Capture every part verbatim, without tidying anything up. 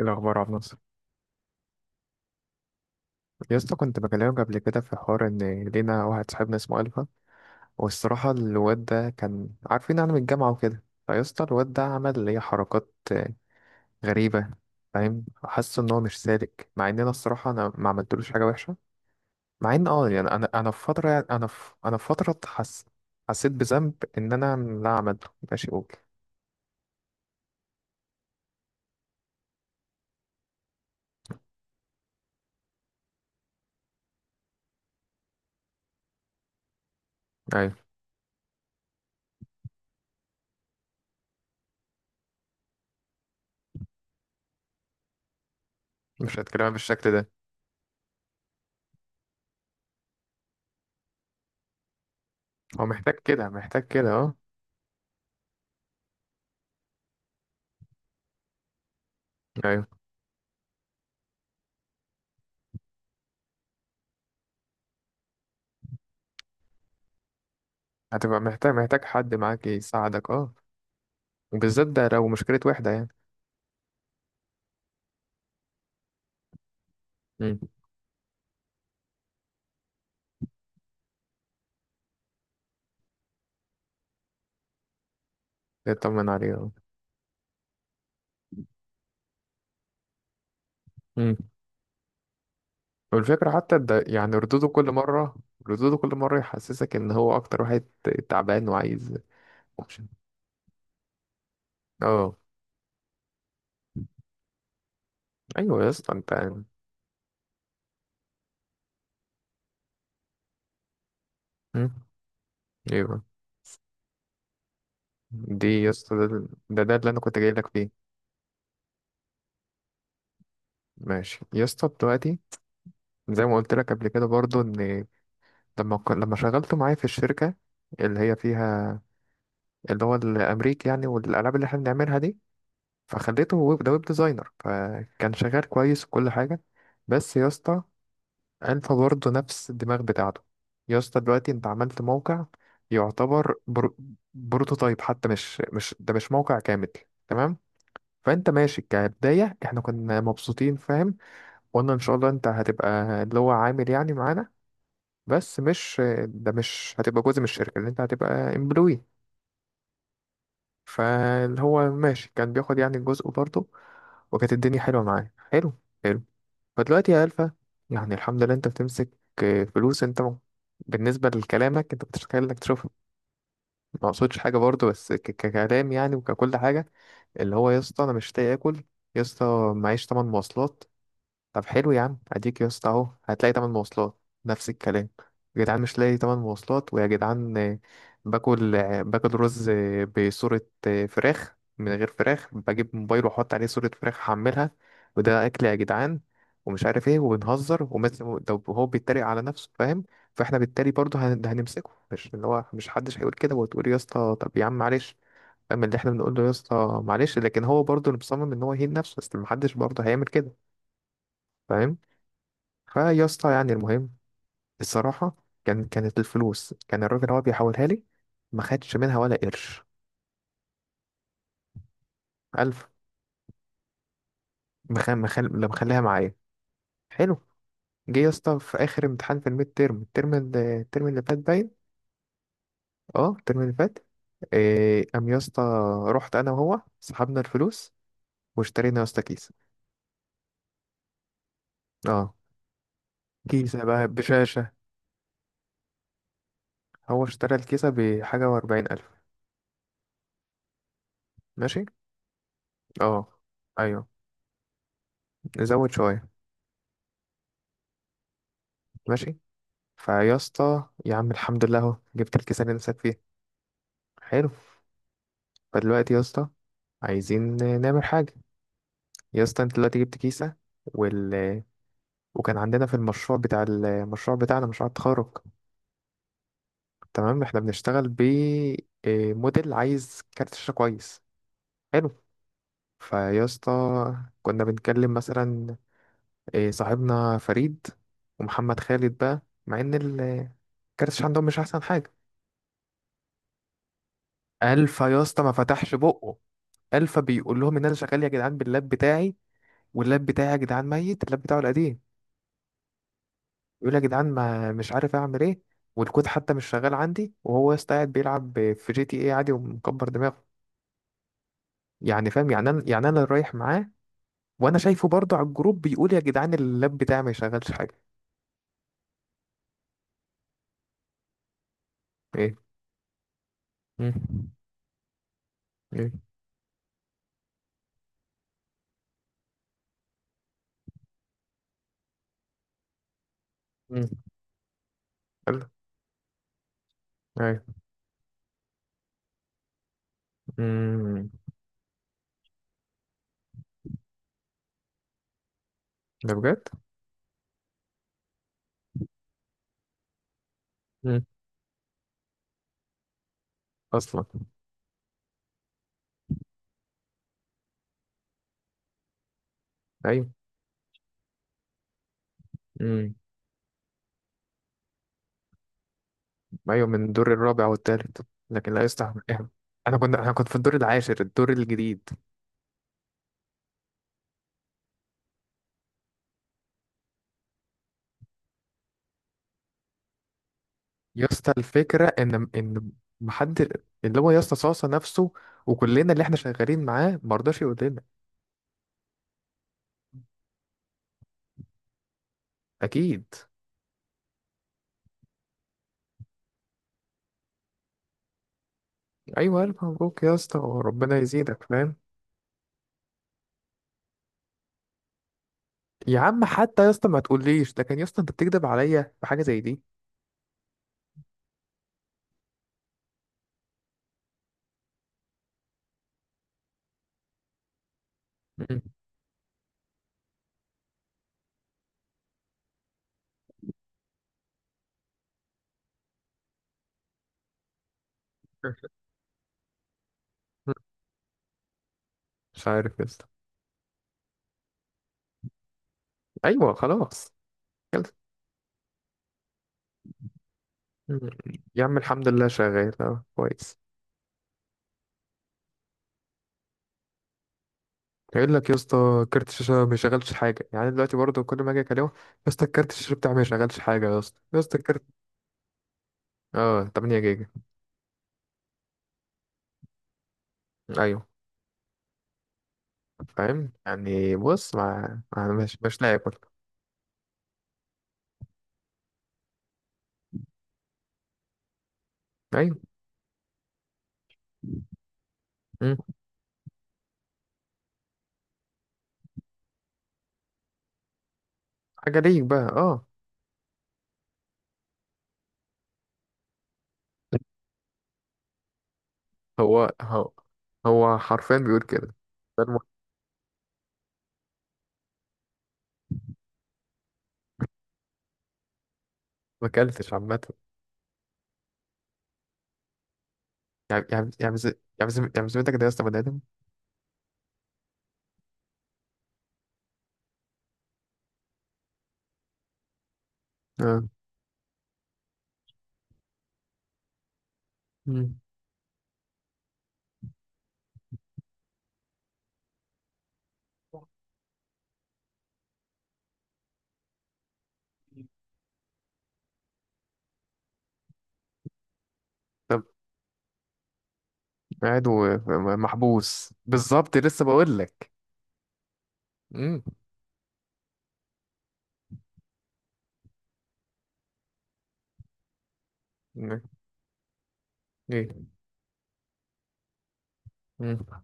إيه الأخبار يا عبد الناصر؟ يا اسطى، كنت بكلمك قبل كده في حوار إن لينا واحد صاحبنا اسمه ألفا. والصراحة الواد ده كان عارفين يعني من الجامعة وكده. فيا اسطى الواد ده عمل اللي هي حركات آه، غريبة. فاهم؟ حاسس إن هو مش سالك، مع إن أنا الصراحة أنا ما عملتلوش حاجة وحشة. مع إن أه يعني أنا أنا في فترة، يعني أنا في أنا في فترة حس حسيت بذنب إن أنا لا عملته. ماشي، أقول أيوه مش هتكلم بالشكل ده. هو محتاج كده، محتاج كده، أه. أيوه، هتبقى محتاج، محتاج حد معاك يساعدك، أه. بالذات ده لو مشكلة وحدة يعني. امم، يطمن عليه، اه. امم. والفكرة حتى ده يعني ردوده كل مرة، ردوده كل مرة يحسسك ان هو اكتر واحد تعبان وعايز اوبشن. اه. ايوه يا اسطى انت. امم. ايوه. دي يا اسطى ده, ده ده اللي انا كنت جاي لك فيه. ماشي يا اسطى دلوقتي، زي ما قلت لك قبل كده برضو ان لما ك- لما شغلته معايا في الشركة اللي هي فيها، اللي هو الامريكي يعني، والالعاب اللي احنا بنعملها دي، فخليته ويب، ده ويب ديزاينر. فكان شغال كويس وكل حاجة. بس يا اسطى الفا برضه نفس الدماغ بتاعته. يا اسطى دلوقتي انت عملت موقع يعتبر برو... بروتوتايب، حتى مش مش ده مش موقع كامل. تمام؟ فانت ماشي كبداية، احنا كنا مبسوطين، فاهم؟ قلنا ان شاء الله انت هتبقى اللي هو عامل يعني معانا، بس مش ده، مش هتبقى جزء من الشركة، اللي انت هتبقى امبلوي. فاللي هو ماشي كان بياخد يعني جزء برضه. وكانت الدنيا حلوة معاه، حلو، حلو. فدلوقتي يا ألفا، يعني الحمد لله انت بتمسك آه، فلوس. انت م- بالنسبة لكلامك انت بتتخيل انك تشوفها. ما اقصدش حاجة برضو، بس ك- ككلام يعني، وككل حاجة. اللي هو يا اسطى انا مش لاقي اكل، يا اسطى معيش تمن مواصلات. طب حلو يا عم، اديك يا اسطى اهو، هتلاقي تمن مواصلات. نفس الكلام، يا جدعان مش لاقي تمن مواصلات، ويا جدعان آه، باكل آه، باكل رز آه، بصورة آه، فراخ من غير فراخ، بجيب موبايل واحط عليه صورة فراخ احملها، وده اكل يا جدعان. ومش عارف ايه، وبنهزر، ومثل ده هو بيتريق على نفسه، فاهم؟ فاحنا بالتالي برضه هن- هنمسكه، مش اللي هو، مش حدش هيقول كده وتقول يا اسطى طب يا عم معلش، فاهم؟ اللي احنا بنقول له يا اسطى معلش، لكن هو برضه اللي مصمم ان هو يهين نفسه، بس محدش برضه هيعمل كده. فاهم؟ فيا اسطى يعني المهم، الصراحة، كان كانت الفلوس كان الراجل هو بيحولها لي، ما خدش منها ولا قرش. ألف. مخ... مخ... اللي مخليها معايا. حلو. جه يا اسطى في آخر امتحان في الميد تيرم، الترم اللي- الترم اللي فات، باين. اه الترم اللي فات. إيه... قام يا اسطى رحت أنا وهو سحبنا الفلوس واشترينا يا اسطى كيسة. اه. كيسة بقى بشاشة. هو اشترى الكيسة بحاجة وأربعين ألف. ماشي. اه. أيوه. نزود شوية. ماشي. فيا اسطى يا عم الحمد لله اهو، جبت الكيسان اللي نفسك فيه. حلو. فدلوقتي يا اسطى عايزين نعمل حاجة. يا اسطى انت دلوقتي جبت كيسة، وال... وكان عندنا في المشروع بتاع المشروع بتاعنا، مشروع التخرج. تمام؟ احنا بنشتغل ب إيه، موديل عايز كارت شاشة كويس. حلو. فيا اسطى كنا بنتكلم مثلا إيه، صاحبنا فريد ومحمد خالد بقى، مع ان ال- كارت الشاشة عندهم مش احسن حاجة. الف يا اسطى ما فتحش بقه. الفا بيقول لهم ان انا شغال يا جدعان باللاب بتاعي، واللاب بتاعي يا جدعان ميت، اللاب بتاعه القديم. يقول يا جدعان، ما مش عارف اعمل ايه، والكود حتى مش شغال عندي، وهو يا اسطى قاعد بيلعب في جي تي ايه عادي ومكبر دماغه. يعني فاهم؟ يعني انا يعني انا اللي رايح معاه. وانا شايفه برضه على الجروب بيقول يا جدعان اللاب بتاعي ما يشغلش حاجه. ايه. مم. ايه. مم. قال له، ايه. امم. ده بجد. مم. اصلا. ايوه. أيوة، من الدور الرابع والتالت، لكن لا يصلح مكان. أنا كنت، أنا كنت في الدور العاشر، الدور الجديد. يا اسطى الفكرة إن إن محد، اللي هو يا اسطى صاصة نفسه، وكلنا اللي إحنا شغالين معاه مرضاش يقول لنا. أكيد. أيوة، ألف مبروك يا اسطى وربنا يزيدك، فاهم؟ يا عم حتى يا اسطى، ما تقوليش، لكن يا اسطى أنت بتكذب عليا في حاجة زي دي. مم. مش عارف يا اسطى. أيوة خلاص. يلا. مم. يا عم الحمد لله شغال، أه كويس. قايل لك يا اسطى كارت الشاشه ما شغلش حاجه، يعني دلوقتي برضه كل ما اجي اكلمه، يا اسطى الكارت الشاشه بتاعي ما شغلش حاجه، يا اسطى، يا اسطى الكارت. اه، 8 جيجا. ايوه. فاهم يعني بص، ما ما- مش مش لاعب برضه. ايوه. مم. حاجه ليك بقى، اه. هو، هو، هو حرفيا بيقول كده. ده الم- ما اكلتش عامه. يعني يعني يعني بز- يعني بز- يعني بذمتك ده يا اسطى بني ادم. اه. مم. طب. قاعد ومحبوس بالظبط، لسه بقول لك. امم. ايه. مم.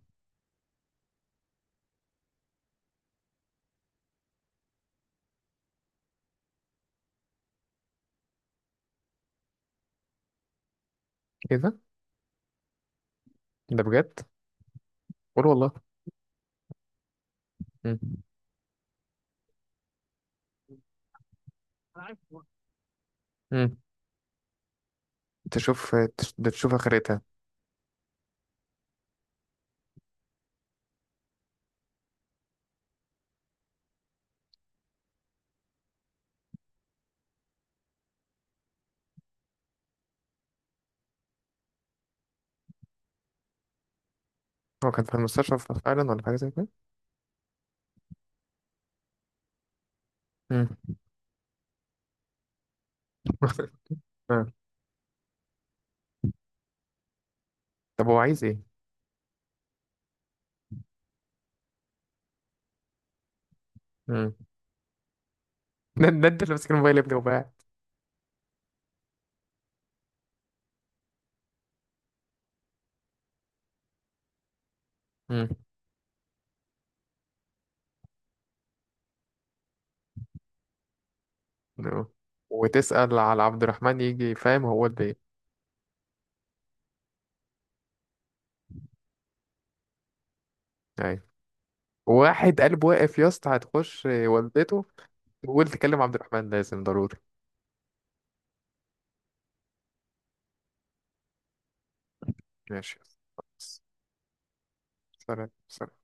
كده. ده ده بجد. قول والله. مم. مم. تشوف تش- بتشوف آخرتها. هو كان في المستشفى فعلا ولا حاجة زي كده؟ مم. آه. طب هو عايز ايه؟ مم. ده ده انت اللي ماسك الموبايل يا ابني وباعت. مم. آه. وتسأل على عبد الرحمن يجي، فاهم؟ هو ولد ايه. أيوة. واحد قلب واقف يا اسطى هتخش والدته تقول تكلم عبد الرحمن لازم ضروري. ماشي. خلاص. سلام، سلام.